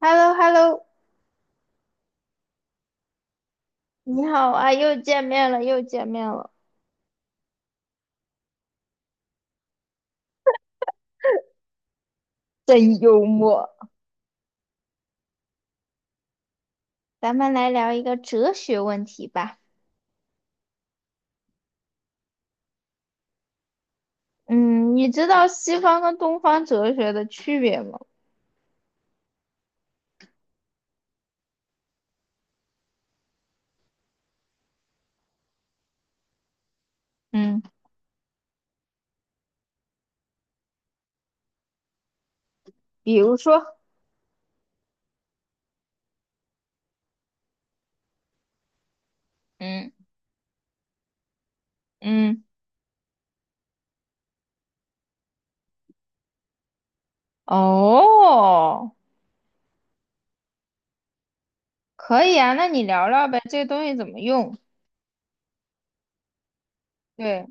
h e l l o h e l l o 你好啊，又见面了，又见面了。真幽默。咱们来聊一个哲学问题吧。嗯，你知道西方跟东方哲学的区别吗？嗯比如说，嗯嗯，哦，可以啊，那你聊聊呗，这个东西怎么用？对，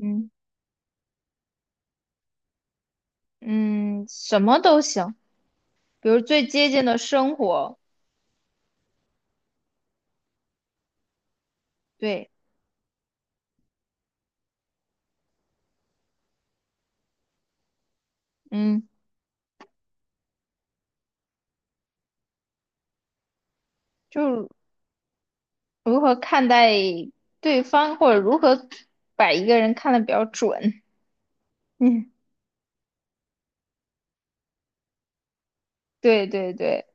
嗯嗯，什么都行，比如最接近的生活，对，嗯，就如何看待对方，或者如何把一个人看得比较准。嗯，对对对，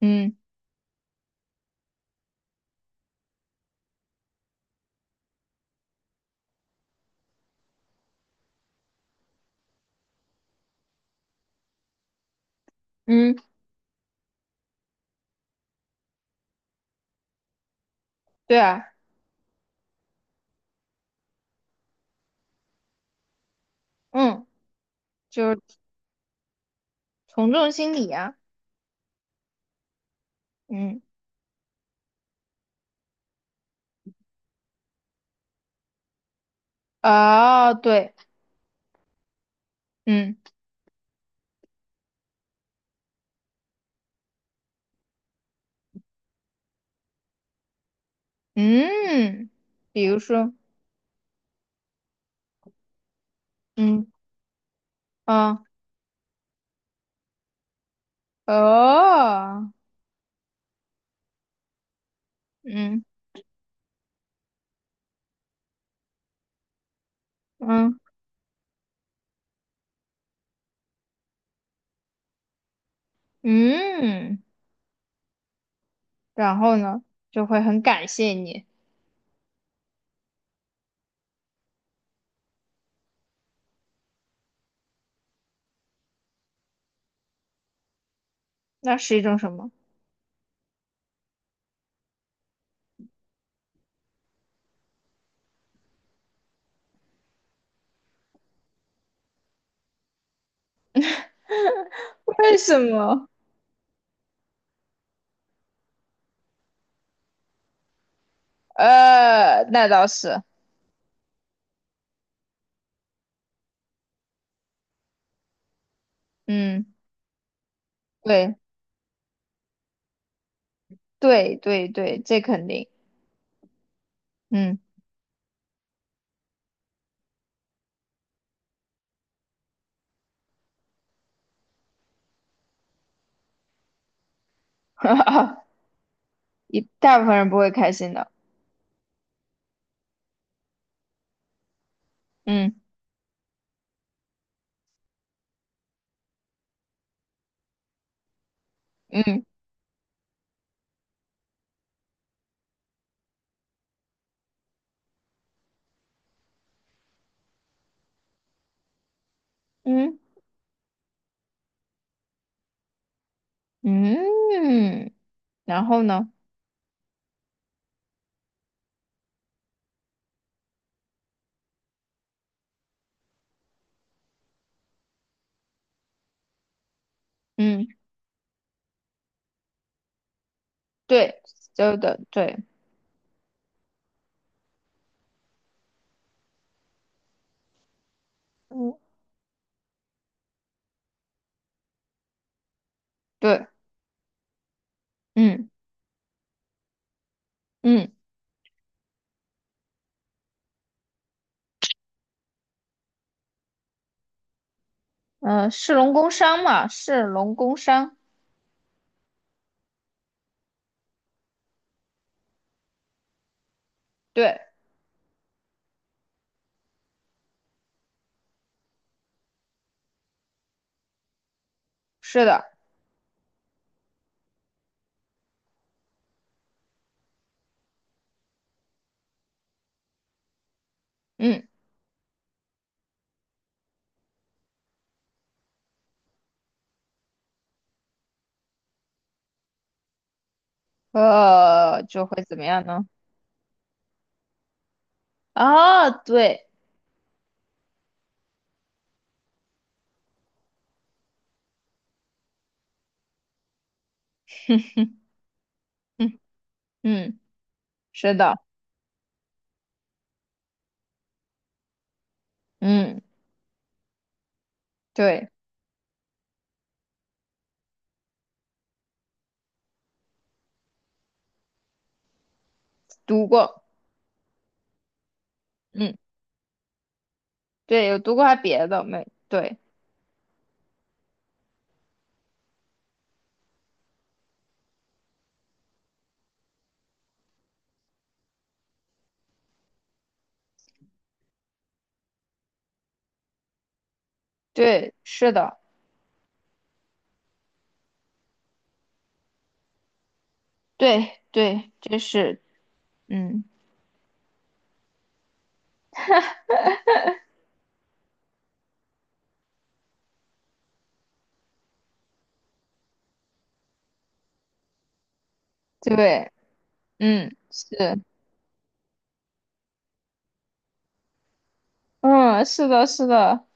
嗯嗯，对啊，嗯，就是从众心理啊，嗯，哦，对，嗯嗯，比如说，嗯啊哦，嗯嗯嗯，然后呢，就会很感谢你，那是一种什么？为什么？那倒是，嗯，对。对对对，这肯定，嗯，一大部分人不会开心的，嗯嗯嗯嗯，然后呢，嗯，对，就的，对，嗯，对，嗯嗯嗯士农工商嘛，士农工商，对，是的，嗯，就会怎么样呢？啊，对，嗯嗯，是的，嗯，对，读过，嗯，对，有读过还别的没？对对，是的。对对，就是，嗯，对，嗯，是，嗯，是的，是的，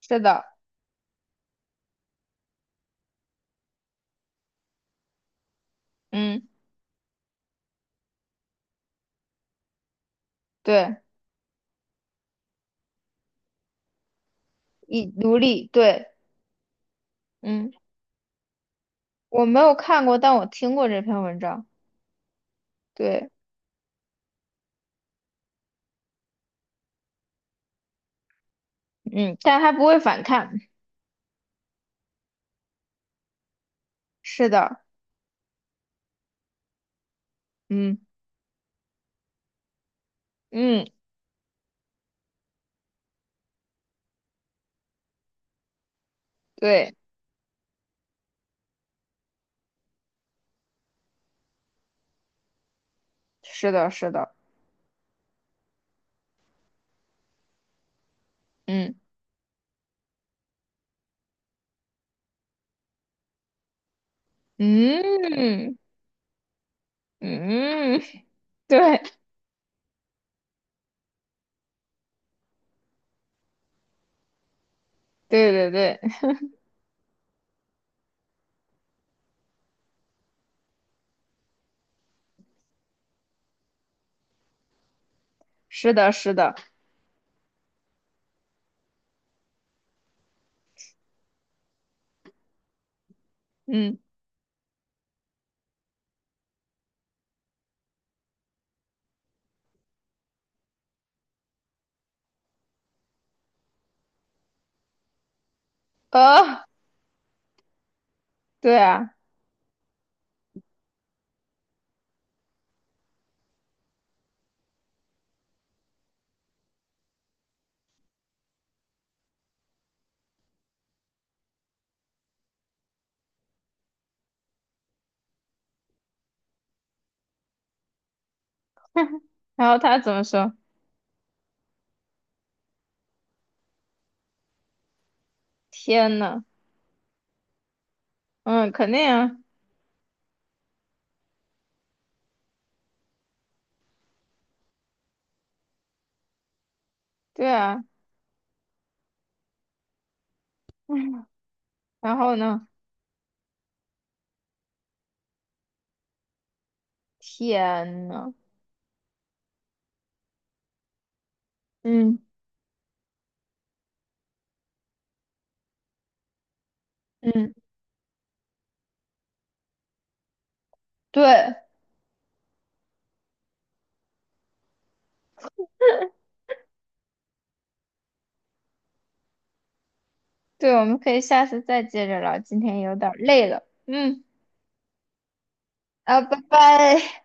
是的，嗯，对，以奴隶，对，嗯，我没有看过，但我听过这篇文章，对，嗯，但他不会反抗，是的，嗯嗯，对，是的，是的，嗯嗯嗯，对对对对，是的，是的，嗯，呃，对啊，然后他怎么说？天呐！嗯，肯定啊。对啊，然后呢？天呐，嗯嗯，对，对，我们可以下次再接着聊，今天有点儿累了，嗯，啊，拜拜。